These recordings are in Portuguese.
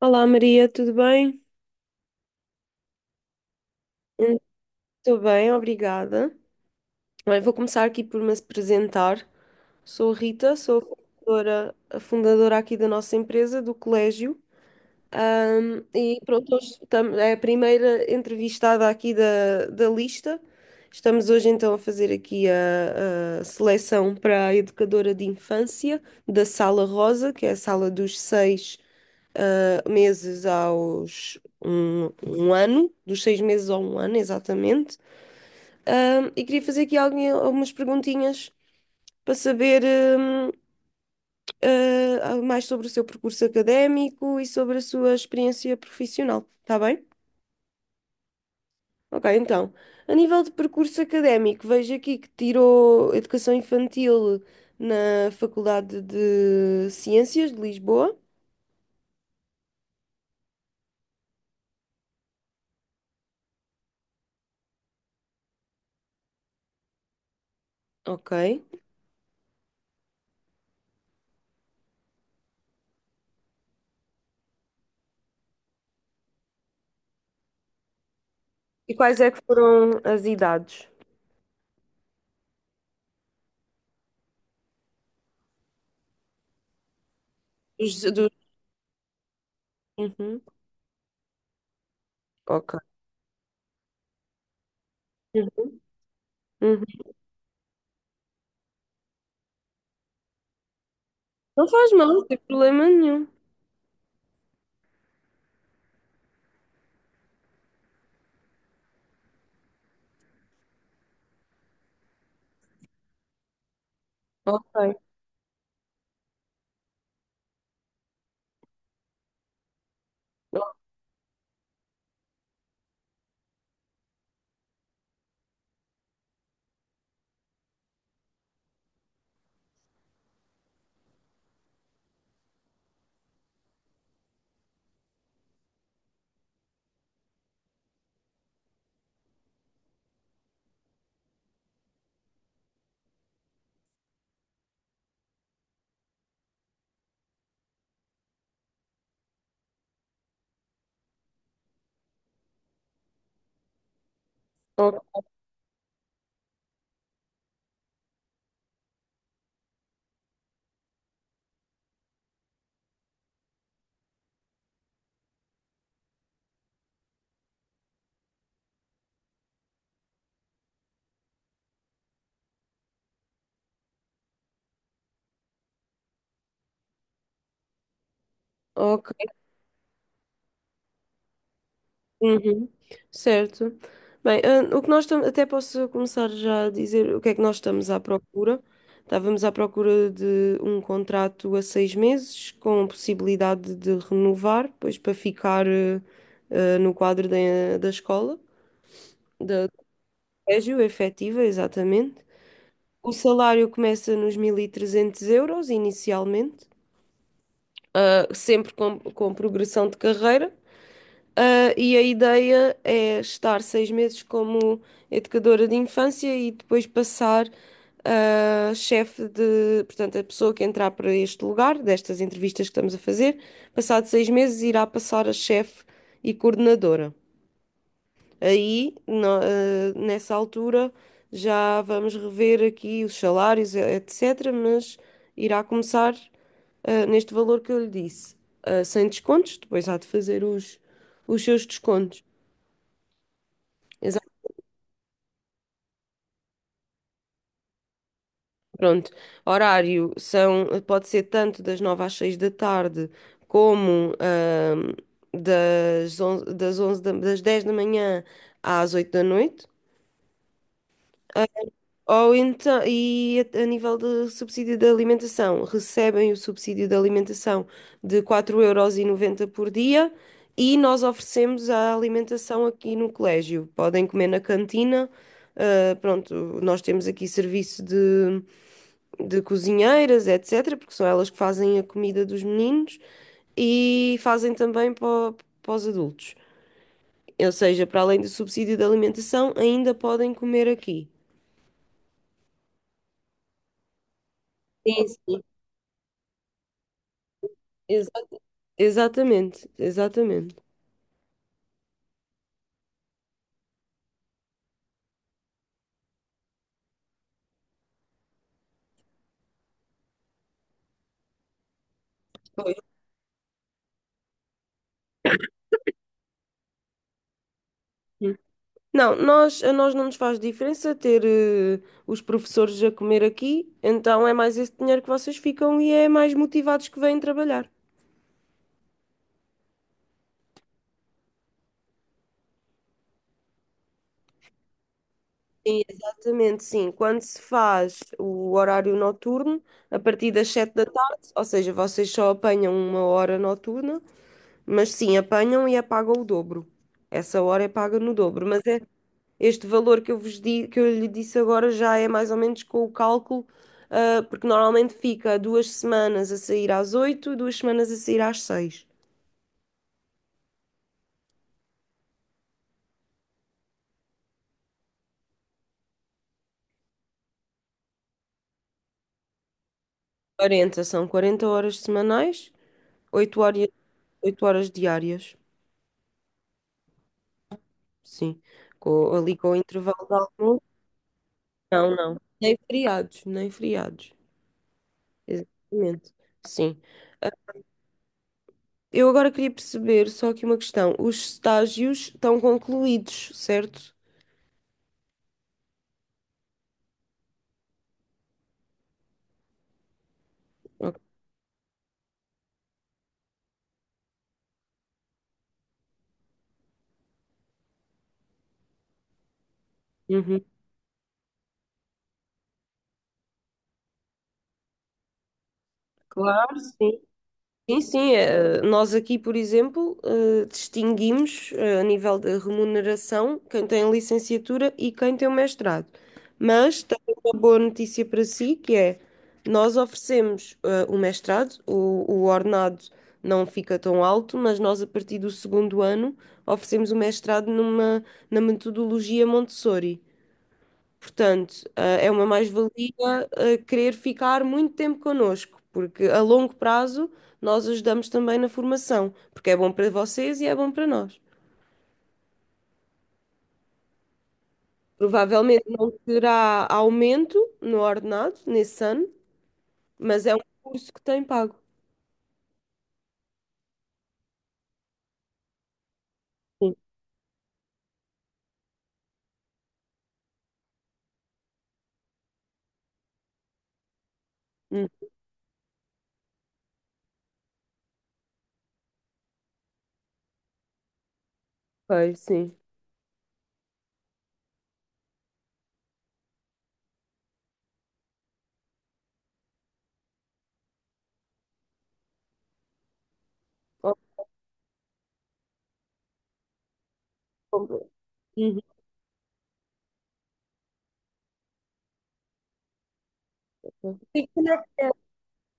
Olá Maria, tudo bem? Estou bem, obrigada. Bem, vou começar aqui por me apresentar. Sou a Rita, sou a fundadora aqui da nossa empresa, do colégio. E pronto, hoje é a primeira entrevistada aqui da lista. Estamos hoje então a fazer aqui a seleção para a educadora de infância da Sala Rosa, que é a sala dos seis meses aos um ano, dos seis meses ao um ano, exatamente. E queria fazer aqui algumas perguntinhas para saber mais sobre o seu percurso académico e sobre a sua experiência profissional, está bem? Ok, então, a nível de percurso académico, vejo aqui que tirou Educação Infantil na Faculdade de Ciências de Lisboa. Ok. E quais é que foram as idades? Dos... Uhum. Ok. Uhum, uhum. Não faz mal, não tem problema nenhum. Ok, o- ok. Uhum. Certo. Bem, o que nós estamos, até posso começar já a dizer o que é que nós estamos à procura. Estávamos à procura de um contrato a 6 meses, com possibilidade de renovar, pois para ficar no quadro da escola, do colégio, efetiva, exatamente. O salário começa nos 1300 euros inicialmente. Sempre com progressão de carreira. E a ideia é estar 6 meses como educadora de infância e depois passar a chefe portanto, a pessoa que entrar para este lugar, destas entrevistas que estamos a fazer, passado 6 meses irá passar a chefe e coordenadora. Aí, nessa altura, já vamos rever aqui os salários, etc., mas irá começar, neste valor que eu lhe disse, sem descontos, depois há de fazer os seus descontos. Exato, pronto. Horário são, pode ser tanto das 9 às 6 da tarde, como das 11, das 11 das 10 da manhã às 8 da noite. Ou então, e a nível de subsídio de alimentação, recebem o subsídio de alimentação de 4,90 euros por dia e nós oferecemos a alimentação aqui no colégio. Podem comer na cantina, pronto, nós temos aqui serviço de cozinheiras, etc., porque são elas que fazem a comida dos meninos e fazem também para os adultos. Ou seja, para além do subsídio de alimentação, ainda podem comer aqui. Sim, sim. Exatamente, exatamente. Pois. Hum. Não, a nós não nos faz diferença ter os professores a comer aqui, então é mais esse dinheiro que vocês ficam e é mais motivados que vêm trabalhar. Sim, exatamente, sim. Quando se faz o horário noturno, a partir das sete da tarde, ou seja, vocês só apanham uma hora noturna, mas sim, apanham e apagam o dobro. Essa hora é paga no dobro, mas é, este valor que eu lhe disse agora já é mais ou menos com o cálculo, porque normalmente fica duas semanas a sair às oito e duas semanas a sair às seis. Quarenta, são 40 horas semanais, 8 horas, 8 horas diárias, sim. Ali com o intervalo de almoço. Não, não. Nem feriados, nem feriados. Exatamente. Sim. Eu agora queria perceber só aqui uma questão. Os estágios estão concluídos, certo? Ok. Uhum. Claro, sim. Sim, sim. Nós aqui, por exemplo, distinguimos a nível de remuneração quem tem licenciatura e quem tem o mestrado. Mas também uma boa notícia para si, que é nós oferecemos o mestrado, o ordenado não fica tão alto, mas nós a partir do segundo ano oferecemos o mestrado na metodologia Montessori. Portanto, é uma mais-valia querer ficar muito tempo connosco, porque a longo prazo nós ajudamos também na formação, porque é bom para vocês e é bom para nós. Provavelmente não terá aumento no ordenado nesse ano, mas é um curso que tem pago. Sim, hum, ok, sim. Ó, com- Uhum. E Como é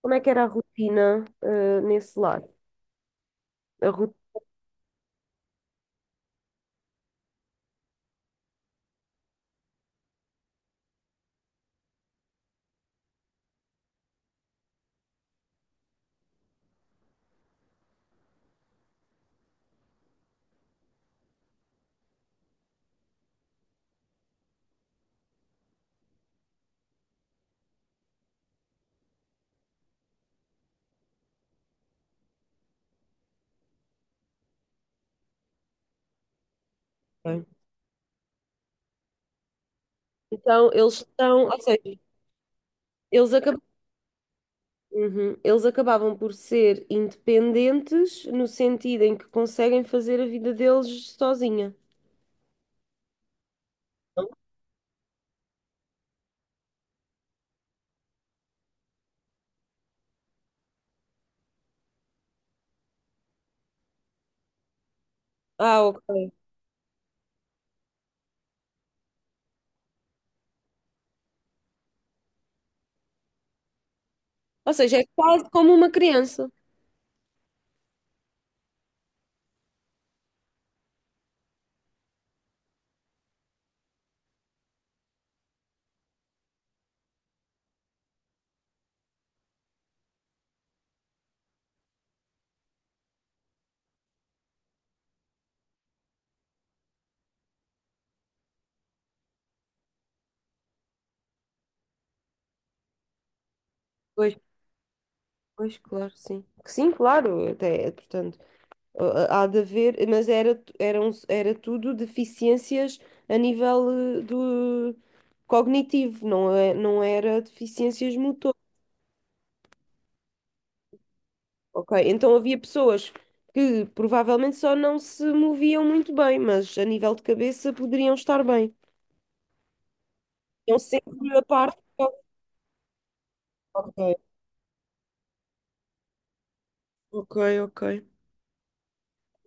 como é que era a rotina nesse lar? A rotina. Então, eles estão, ou seja, eles acabaram. Uhum. Eles acabavam por ser independentes no sentido em que conseguem fazer a vida deles sozinha. Ah, ok. Ou seja, é quase como uma criança. Pois, pois, claro, sim. Sim, claro, até, portanto, há de haver, mas era tudo deficiências a nível do cognitivo, não é, não era deficiências motoras. Ok, então havia pessoas que provavelmente só não se moviam muito bem, mas a nível de cabeça poderiam estar bem. Então sempre a parte. Ok, ok, ok.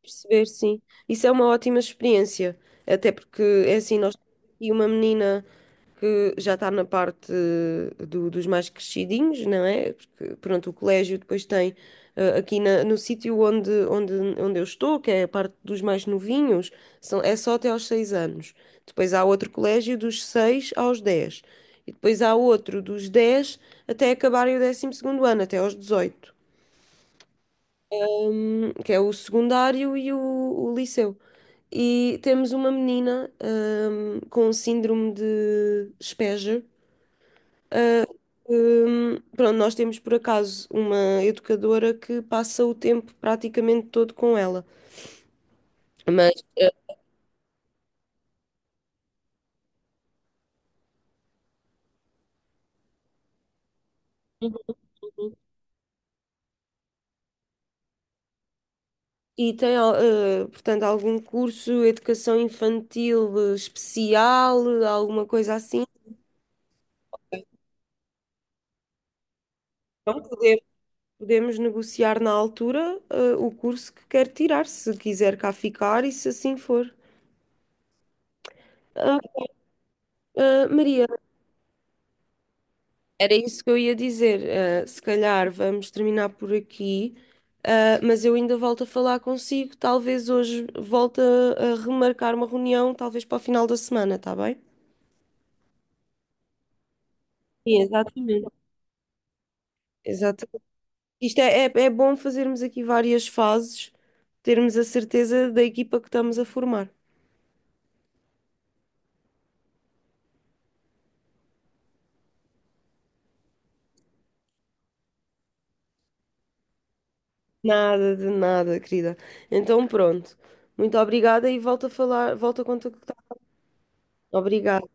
Perceber, sim. Isso é uma ótima experiência, até porque é assim, nós temos aqui uma menina que já está na parte dos mais crescidinhos, não é? Porque, pronto, o colégio depois tem aqui no sítio onde eu estou, que é a parte dos mais novinhos, é só até aos 6 anos. Depois há outro colégio dos 6 aos 10. E depois há outro dos 10 até acabarem o 12º ano, até aos 18, que é o secundário e o liceu. E temos uma menina, com síndrome de Asperger. Pronto, nós temos por acaso uma educadora que passa o tempo praticamente todo com ela. Mas, eh, Uhum. E tem, portanto, algum curso, educação infantil especial, alguma coisa assim. Então, podemos negociar na altura, o curso que quer tirar, se quiser cá ficar e se assim for. Ah, Maria, era isso que eu ia dizer. Se calhar vamos terminar por aqui, mas eu ainda volto a falar consigo. Talvez hoje volte a remarcar uma reunião, talvez para o final da semana, está bem? Sim, exatamente. Exato. Isto é bom fazermos aqui várias fases, termos a certeza da equipa que estamos a formar. Nada de nada, querida. Então pronto. Muito obrigada e volto a contactar. Obrigada.